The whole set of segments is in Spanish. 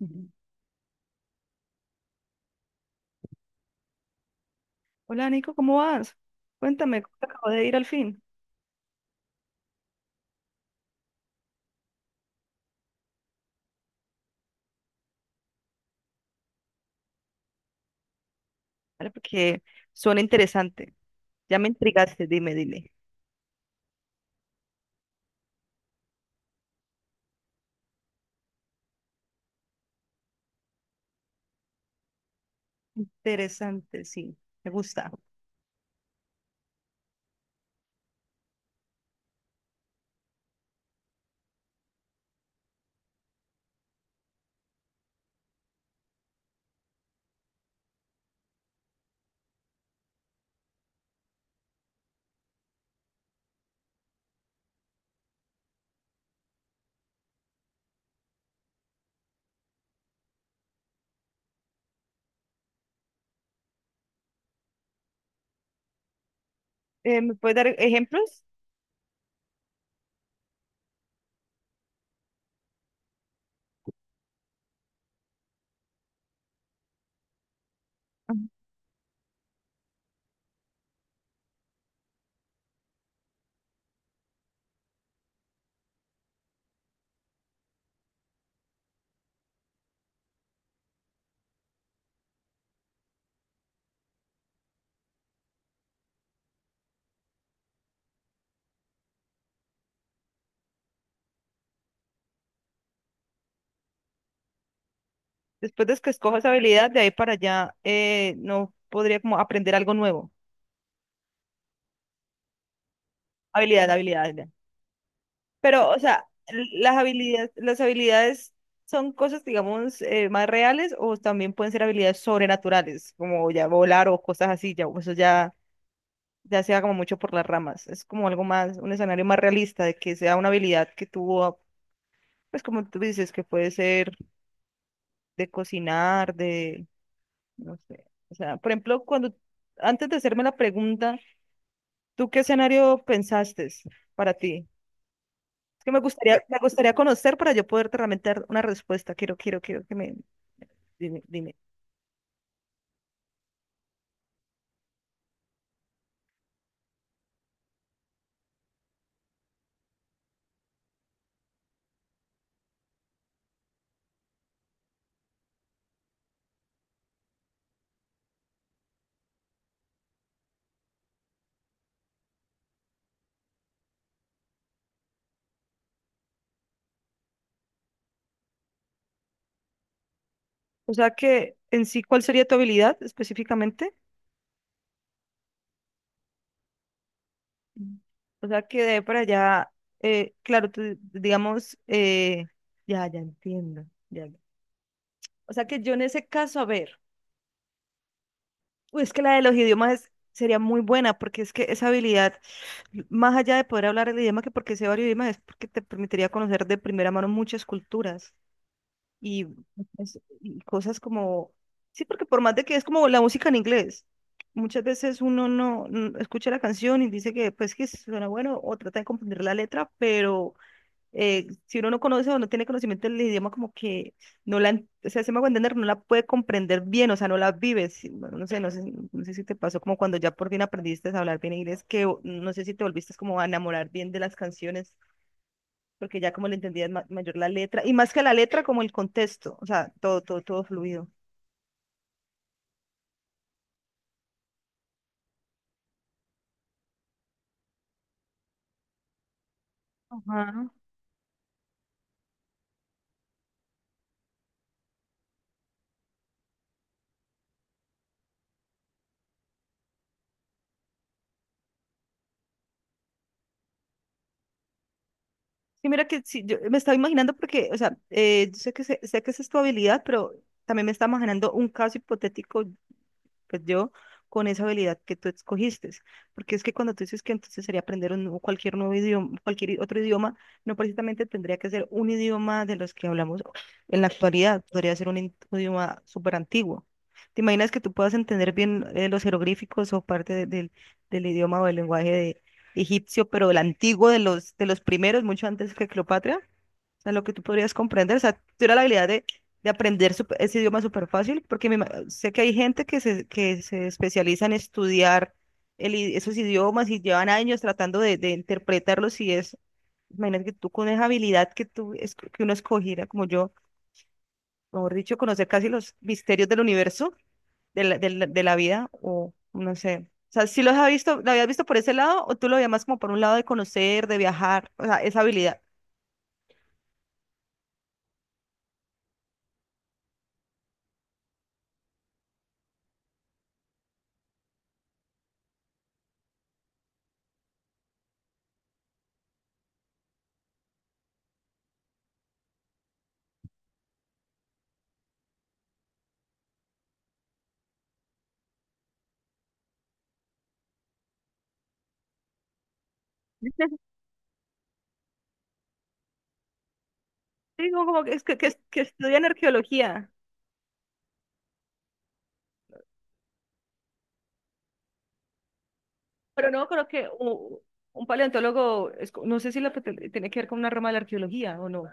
Ujú. Hola Nico, ¿cómo vas? Cuéntame, ¿cómo te acabo de ir al fin? Vale, porque suena interesante. Ya me intrigaste, dime, dile. Interesante, sí, me gusta. ¿Me puedes dar ejemplos? Ajá. Después de que escojas habilidad, de ahí para allá, no podría como aprender algo nuevo. Habilidad, habilidad, habilidad. Pero, o sea, las habilidades son cosas, digamos, más reales o también pueden ser habilidades sobrenaturales, como ya volar o cosas así, ya, eso ya. Ya sea como mucho por las ramas. Es como algo más, un escenario más realista de que sea una habilidad que tuvo, pues como tú dices, que puede ser de cocinar, de, no sé. O sea, por ejemplo, cuando, antes de hacerme la pregunta, ¿tú qué escenario pensaste para ti? Es que me gustaría conocer para yo poderte realmente dar una respuesta. Quiero dime, dime. O sea que en sí, ¿cuál sería tu habilidad específicamente? Mm. O sea, que quedé para allá, claro, tú, digamos, ya, ya entiendo. Ya, ya. O sea, que yo en ese caso, a ver, uy, es que la de los idiomas sería muy buena, porque es que esa habilidad, más allá de poder hablar el idioma, que porque sé varios idiomas, es porque te permitiría conocer de primera mano muchas culturas y, y cosas como, sí, porque por más de que es como la música en inglés. Muchas veces uno no escucha la canción y dice que pues que suena bueno o trata de comprender la letra, pero si uno no conoce o no tiene conocimiento del idioma, como que no la, en- o sea, se me hago entender, no la puede comprender bien, o sea, no la vives. Sí. No sé si te pasó como cuando ya por fin aprendiste a hablar bien inglés, no sé si te volviste como a enamorar bien de las canciones, porque ya como le entendías mayor la letra, y más que la letra, como el contexto, o sea, todo, todo, todo fluido. Ajá. Sí, mira que sí, yo me estaba imaginando porque, o sea, yo sé que, sé que esa es tu habilidad, pero también me estaba imaginando un caso hipotético pues yo, con esa habilidad que tú escogiste. Porque es que cuando tú dices que entonces sería aprender cualquier nuevo idioma, cualquier otro idioma, no precisamente tendría que ser un idioma de los que hablamos en la actualidad, podría ser un idioma súper antiguo. ¿Te imaginas que tú puedas entender bien los jeroglíficos o parte del idioma o del lenguaje de egipcio, pero el antiguo de los, primeros, mucho antes que Cleopatra? O sea, lo que tú podrías comprender, o sea, tuviera la habilidad de aprender ese idioma súper fácil, porque sé que hay gente que se especializa en estudiar el esos idiomas y llevan años tratando de interpretarlos y es, imagínate que tú con esa habilidad que uno escogiera, como yo, mejor dicho, conocer casi los misterios del universo, de la vida, o no sé. O sea, ¿si los has visto, lo habías visto por ese lado o tú lo veías más como por un lado de conocer, de viajar, o sea, esa habilidad? Sí, como que, es que, que estudian arqueología, pero no creo que un, paleontólogo, no sé si tiene que ver con una rama de la arqueología o no,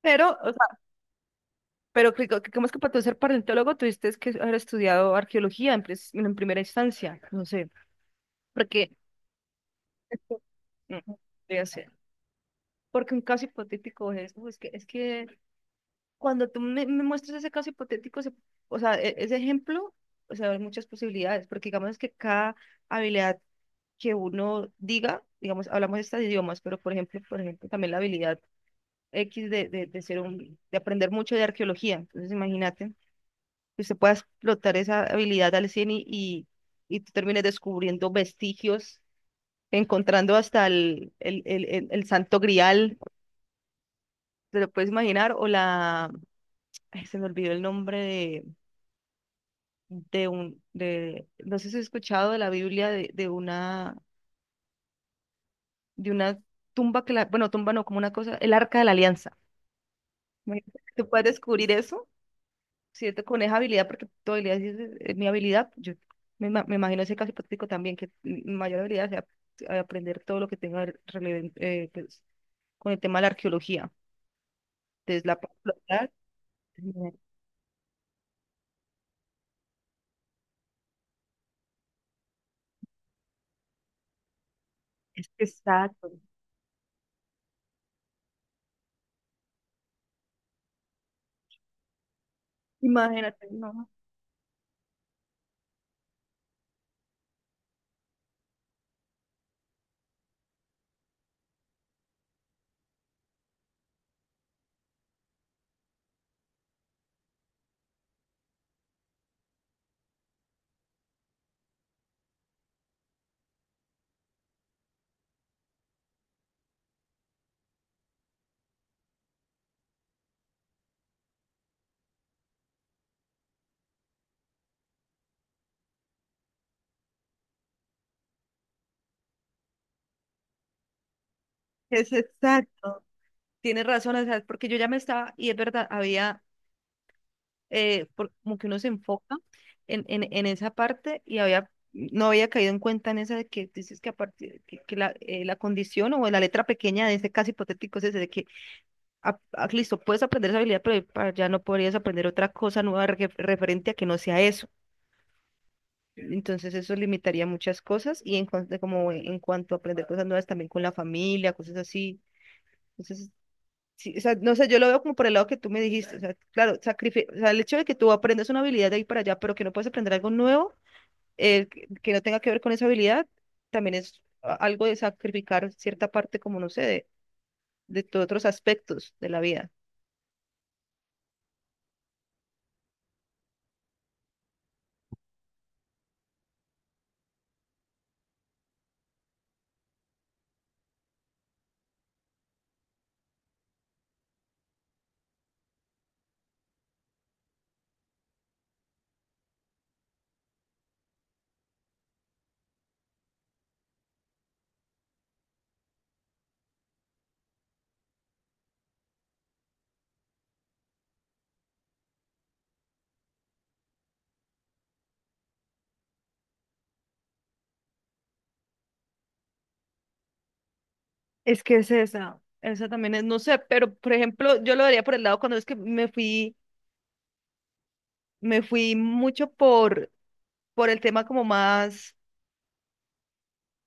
pero, o sea, pero ¿cómo es que para tú ser paleontólogo tuviste que haber estudiado arqueología en primera instancia? No sé, porque, Ujú, podría ser. Porque un caso hipotético es, uy, es que cuando tú me muestras ese caso hipotético, o sea, ese ejemplo, o sea, hay muchas posibilidades, porque digamos que cada habilidad que uno diga, digamos, hablamos de estos idiomas, pero por ejemplo, también la habilidad X de ser de aprender mucho de arqueología. Entonces, imagínate que usted pueda explotar esa habilidad al 100 y tú termines descubriendo vestigios, encontrando hasta el Santo Grial, te lo puedes imaginar, o la, ay, se me olvidó el nombre no sé si has escuchado de la Biblia de, de una tumba que la, bueno, tumba no, como una cosa, el Arca de la Alianza. Bueno, tú puedes descubrir eso, ¿cierto? Con esa habilidad, porque tu habilidad sí es mi habilidad. Yo me imagino ese caso hipotético también, que mi mayor habilidad sea aprender todo lo que tenga pues, con el tema de la arqueología. Desde la popular, es que exacto. Imagínate, no, es exacto. Tienes razón, o sea, porque yo ya me estaba, y es verdad, como que uno se enfoca en esa parte y había, no había caído en cuenta en esa de que dices que, a partir, que la, la condición o la letra pequeña de ese caso hipotético es ese de que, ah, ah, listo, puedes aprender esa habilidad, pero ya no podrías aprender otra cosa nueva referente a que no sea eso. Entonces eso limitaría muchas cosas y en cuanto, como en cuanto a aprender cosas nuevas también con la familia, cosas así. Entonces, sí, o sea, no sé, yo lo veo como por el lado que tú me dijiste, o sea, claro, o sea, el hecho de que tú aprendas una habilidad de ahí para allá, pero que no puedes aprender algo nuevo, que no tenga que ver con esa habilidad, también es algo de sacrificar cierta parte, como no sé, de tus otros aspectos de la vida. Es que es esa también es, no sé, pero por ejemplo, yo lo vería por el lado cuando es que me fui mucho por el tema como más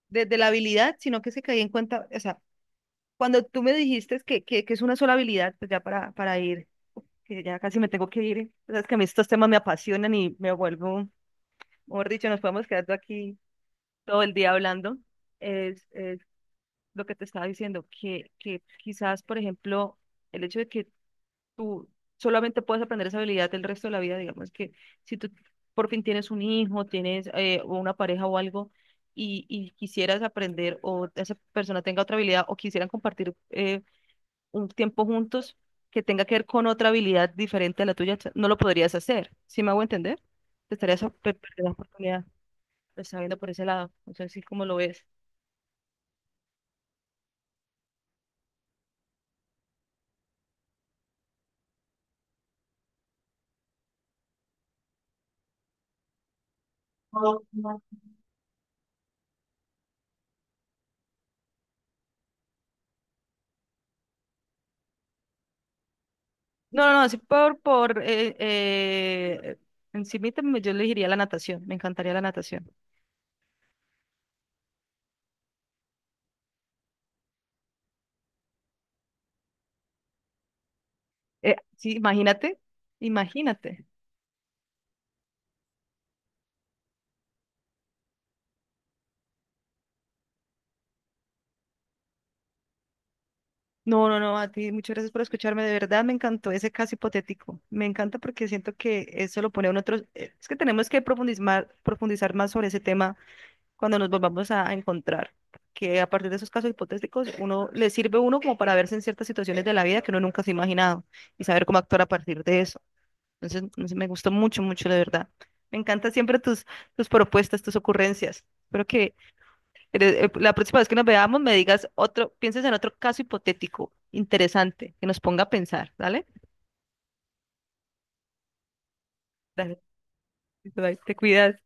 de la habilidad, sino que se caí en cuenta, o sea, cuando tú me dijiste que, es una sola habilidad, pues ya para ir, que ya casi me tengo que ir. Sabes que a mí estos temas me apasionan y me vuelvo, mejor dicho, nos podemos quedar aquí todo el día hablando. Es lo que te estaba diciendo, que quizás, por ejemplo, el hecho de que tú solamente puedes aprender esa habilidad el resto de la vida, digamos que si tú por fin tienes un hijo, tienes o una pareja o algo, y quisieras aprender o esa persona tenga otra habilidad o quisieran compartir, un tiempo juntos que tenga que ver con otra habilidad diferente a la tuya, no lo podrías hacer. ¿Sí me hago entender? Te estarías perder la oportunidad. Lo está viendo por ese lado. No sé si cómo lo ves. No, no. No, no, no, sí por encimita yo le diría la natación, me encantaría la natación. Sí, imagínate, imagínate. No, no, no, a ti muchas gracias por escucharme, de verdad me encantó ese caso hipotético. Me encanta porque siento que eso lo pone en otros, es que tenemos que profundizar, profundizar más sobre ese tema. Cuando nos volvamos a encontrar. Que a partir de esos casos hipotéticos, uno le sirve a uno como para verse en ciertas situaciones de la vida que uno nunca se ha imaginado y saber cómo actuar a partir de eso. Entonces, no sé, me gustó mucho, mucho, de verdad. Me encantan siempre tus, propuestas, tus ocurrencias. Espero que la próxima vez que nos veamos me digas otro, pienses en otro caso hipotético interesante que nos ponga a pensar, ¿vale? Dale, bye, te cuidas.